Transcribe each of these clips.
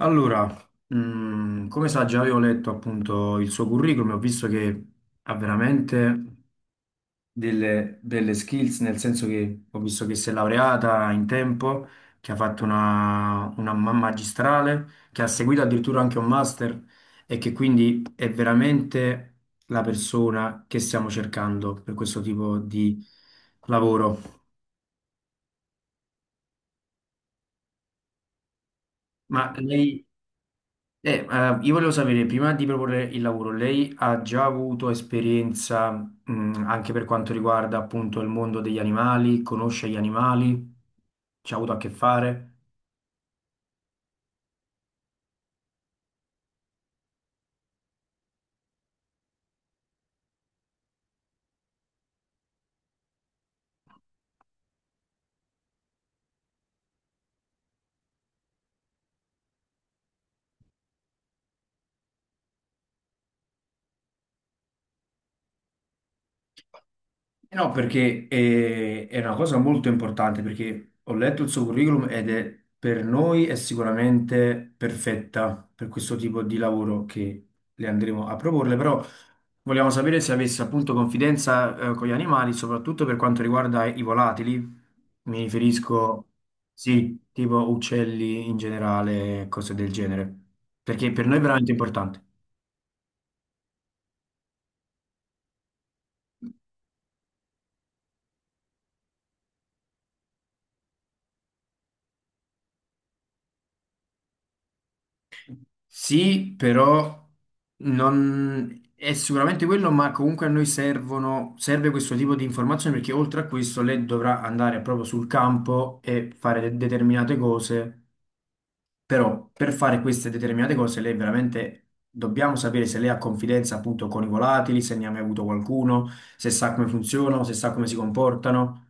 Allora, come sa, già avevo letto appunto il suo curriculum e ho visto che ha veramente delle belle skills, nel senso che ho visto che si è laureata in tempo, che ha fatto una magistrale, che ha seguito addirittura anche un master e che quindi è veramente la persona che stiamo cercando per questo tipo di lavoro. Ma lei. Io volevo sapere, prima di proporre il lavoro, lei ha già avuto esperienza, anche per quanto riguarda appunto il mondo degli animali, conosce gli animali, ci ha avuto a che fare? Eh, no, perché è una cosa molto importante, perché ho letto il suo curriculum ed è per noi è sicuramente perfetta per questo tipo di lavoro che le andremo a proporle, però vogliamo sapere se avesse appunto confidenza, con gli animali, soprattutto per quanto riguarda i volatili. Mi riferisco, sì, tipo uccelli in generale, cose del genere, perché per noi è veramente importante. Sì, però non è sicuramente quello, ma comunque a noi servono, serve questo tipo di informazioni perché oltre a questo lei dovrà andare proprio sul campo e fare determinate cose, però per fare queste determinate cose lei veramente dobbiamo sapere se lei ha confidenza appunto con i volatili, se ne ha mai avuto qualcuno, se sa come funzionano, se sa come si comportano.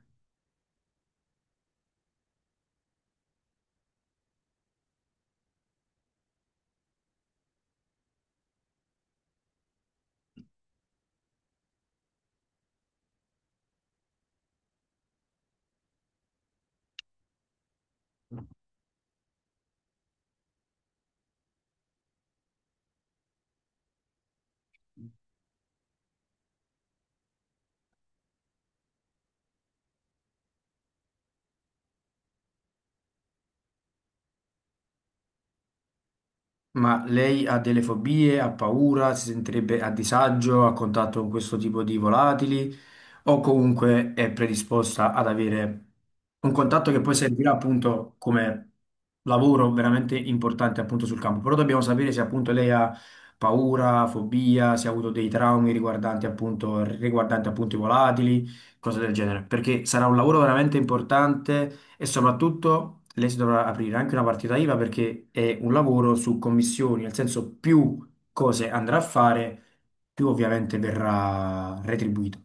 Ma lei ha delle fobie, ha paura, si sentirebbe a disagio a contatto con questo tipo di volatili o comunque è predisposta ad avere un contatto che poi servirà appunto come lavoro veramente importante appunto sul campo. Però dobbiamo sapere se appunto lei ha paura, fobia, se ha avuto dei traumi riguardanti appunto i volatili, cose del genere, perché sarà un lavoro veramente importante e soprattutto lei si dovrà aprire anche una partita IVA perché è un lavoro su commissioni, nel senso più cose andrà a fare, più ovviamente verrà retribuito.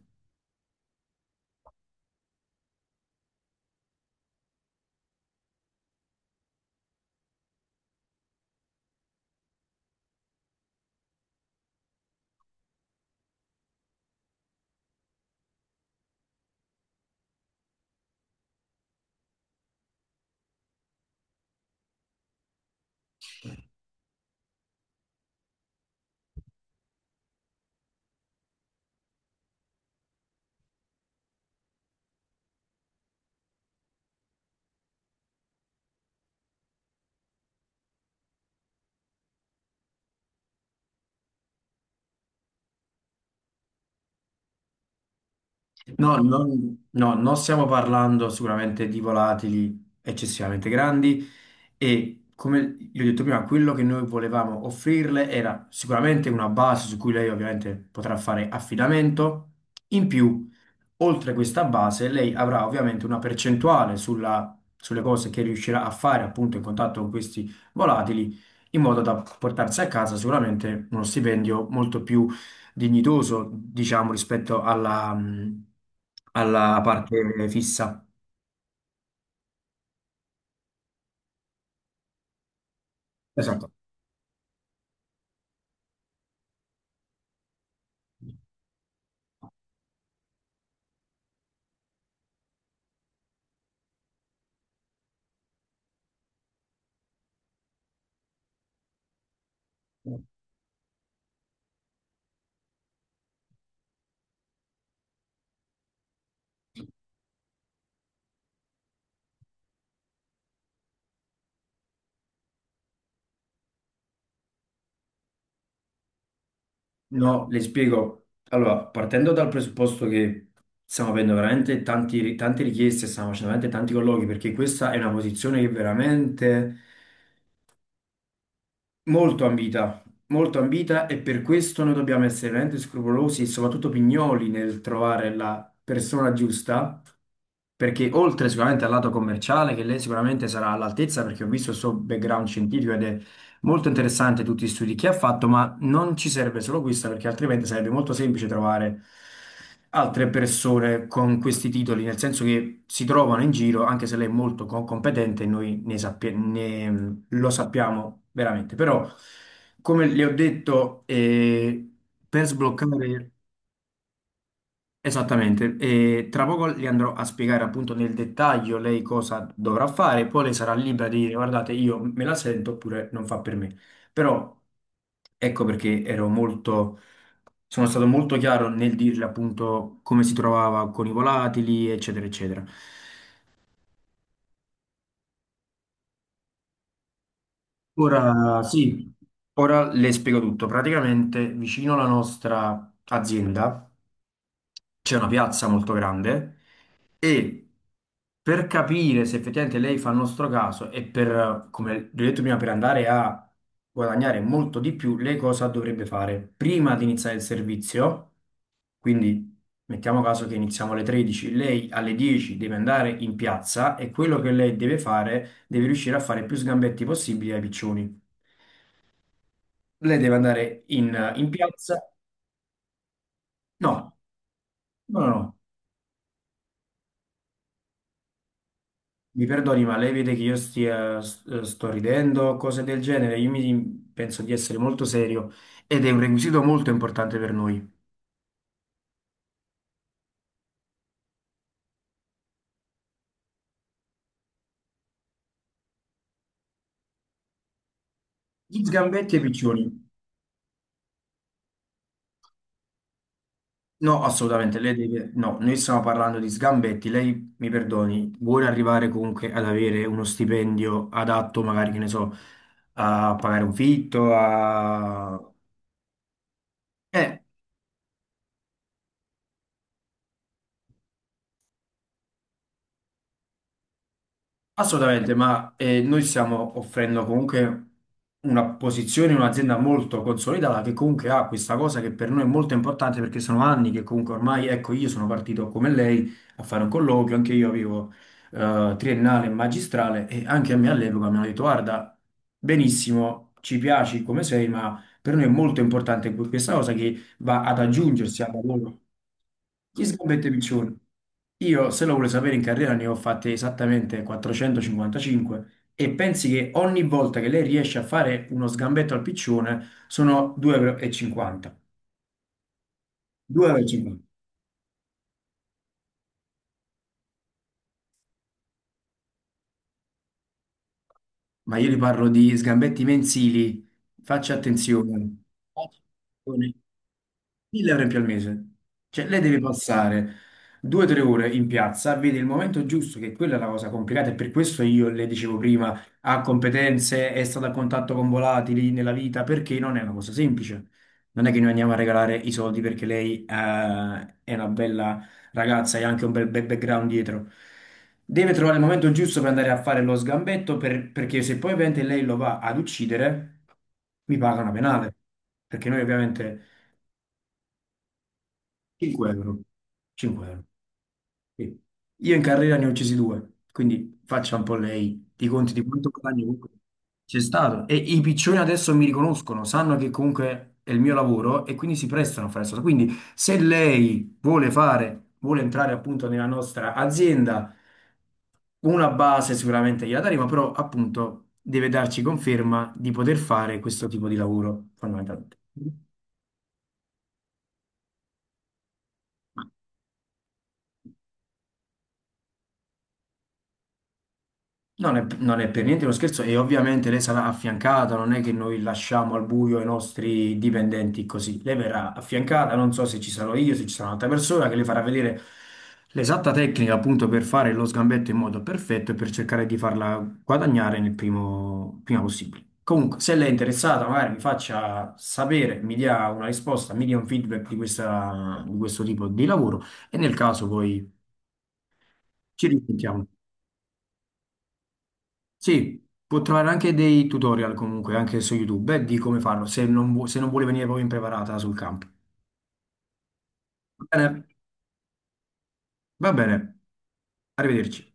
No, non, no, non stiamo parlando sicuramente di volatili eccessivamente grandi e come gli ho detto prima, quello che noi volevamo offrirle era sicuramente una base su cui lei ovviamente potrà fare affidamento. In più, oltre questa base, lei avrà ovviamente una percentuale sulle cose che riuscirà a fare appunto in contatto con questi volatili, in modo da portarsi a casa sicuramente uno stipendio molto più dignitoso, diciamo, rispetto alla, alla parte fissa. Esatto. No, le spiego. Allora, partendo dal presupposto che stiamo avendo veramente tante richieste, stiamo facendo veramente tanti colloqui, perché questa è una posizione che veramente. Molto ambita, molto ambita e per questo noi dobbiamo essere veramente scrupolosi e soprattutto pignoli nel trovare la persona giusta, perché oltre sicuramente al lato commerciale, che lei sicuramente sarà all'altezza, perché ho visto il suo background scientifico ed è molto interessante tutti gli studi che ha fatto, ma non ci serve solo questo, perché altrimenti sarebbe molto semplice trovare altre persone con questi titoli, nel senso che si trovano in giro, anche se lei è molto competente, noi ne sappiamo lo sappiamo veramente, però come le ho detto, per sbloccare esattamente, tra poco le andrò a spiegare appunto nel dettaglio lei cosa dovrà fare, poi lei sarà libera di dire guardate, io me la sento oppure non fa per me. Però ecco perché ero molto, sono stato molto chiaro nel dirle appunto come si trovava con i volatili, eccetera, eccetera. Ora sì, ora le spiego tutto. Praticamente vicino alla nostra azienda c'è una piazza molto grande e per capire se effettivamente lei fa il nostro caso e per, come vi ho detto prima, per andare a guadagnare molto di più, lei cosa dovrebbe fare? Prima di iniziare il servizio, quindi mettiamo caso che iniziamo alle 13, lei alle 10 deve andare in piazza e quello che lei deve fare deve riuscire a fare più sgambetti possibili ai piccioni. Lei deve andare in. No. Piazza. No, no, no, no, mi perdoni, ma lei vede che io stia, sto ridendo, cose del genere. Io mi, penso di essere molto serio ed è un requisito molto importante per noi. Gli sgambetti e i piccioni. No, assolutamente, lei deve... No, noi stiamo parlando di sgambetti. Lei, mi perdoni, vuole arrivare comunque ad avere uno stipendio adatto, magari, che ne so, a pagare un fitto, a... Eh, Assolutamente, ma noi stiamo offrendo comunque una posizione, un'azienda molto consolidata che comunque ha questa cosa che per noi è molto importante perché sono anni che comunque ormai, ecco, io sono partito come lei a fare un colloquio, anche io avevo triennale e magistrale e anche a me all'epoca mi hanno detto guarda, benissimo, ci piaci come sei, ma per noi è molto importante questa cosa che va ad aggiungersi al lavoro. Gli sgambetti piccioni. Io, se lo vuole sapere, in carriera ne ho fatte esattamente 455 e pensi che ogni volta che lei riesce a fare uno sgambetto al piccione sono 2,50 euro. 2,50. Ma io le parlo di sgambetti mensili, faccia attenzione. Faccia attenzione. 1000 euro in più al mese. Cioè, lei deve passare 2 o 3 ore in piazza, vede il momento giusto, che quella è la cosa complicata, e per questo io le dicevo prima, ha competenze, è stata a contatto con volatili nella vita, perché non è una cosa semplice. Non è che noi andiamo a regalare i soldi perché lei, è una bella ragazza e ha anche un bel bel background dietro. Deve trovare il momento giusto per andare a fare lo sgambetto, perché se poi ovviamente lei lo va ad uccidere, mi paga una penale. Perché noi ovviamente 5 euro. 5 euro. Sì. Io in carriera ne ho uccisi due, quindi faccia un po' lei di conti di quanto guadagno comunque c'è stato. E i piccioni adesso mi riconoscono, sanno che comunque è il mio lavoro e quindi si prestano a fare questo. Quindi se lei vuole fare, vuole entrare appunto nella nostra azienda, una base sicuramente gliela daremo, però appunto deve darci conferma di poter fare questo tipo di lavoro fondamentalmente. Non è, non è per niente uno scherzo e ovviamente lei sarà affiancata, non è che noi lasciamo al buio i nostri dipendenti così. Lei verrà affiancata, non so se ci sarò io, se ci sarà un'altra persona che le farà vedere l'esatta tecnica appunto per fare lo sgambetto in modo perfetto e per cercare di farla guadagnare prima possibile. Comunque, se lei è interessata, magari mi faccia sapere, mi dia una risposta, mi dia un feedback di di questo tipo di lavoro e nel caso poi ci risentiamo. Sì, può trovare anche dei tutorial comunque, anche su YouTube, di come farlo, se non, se non vuole venire proprio impreparata sul campo. Va bene, va bene, arrivederci.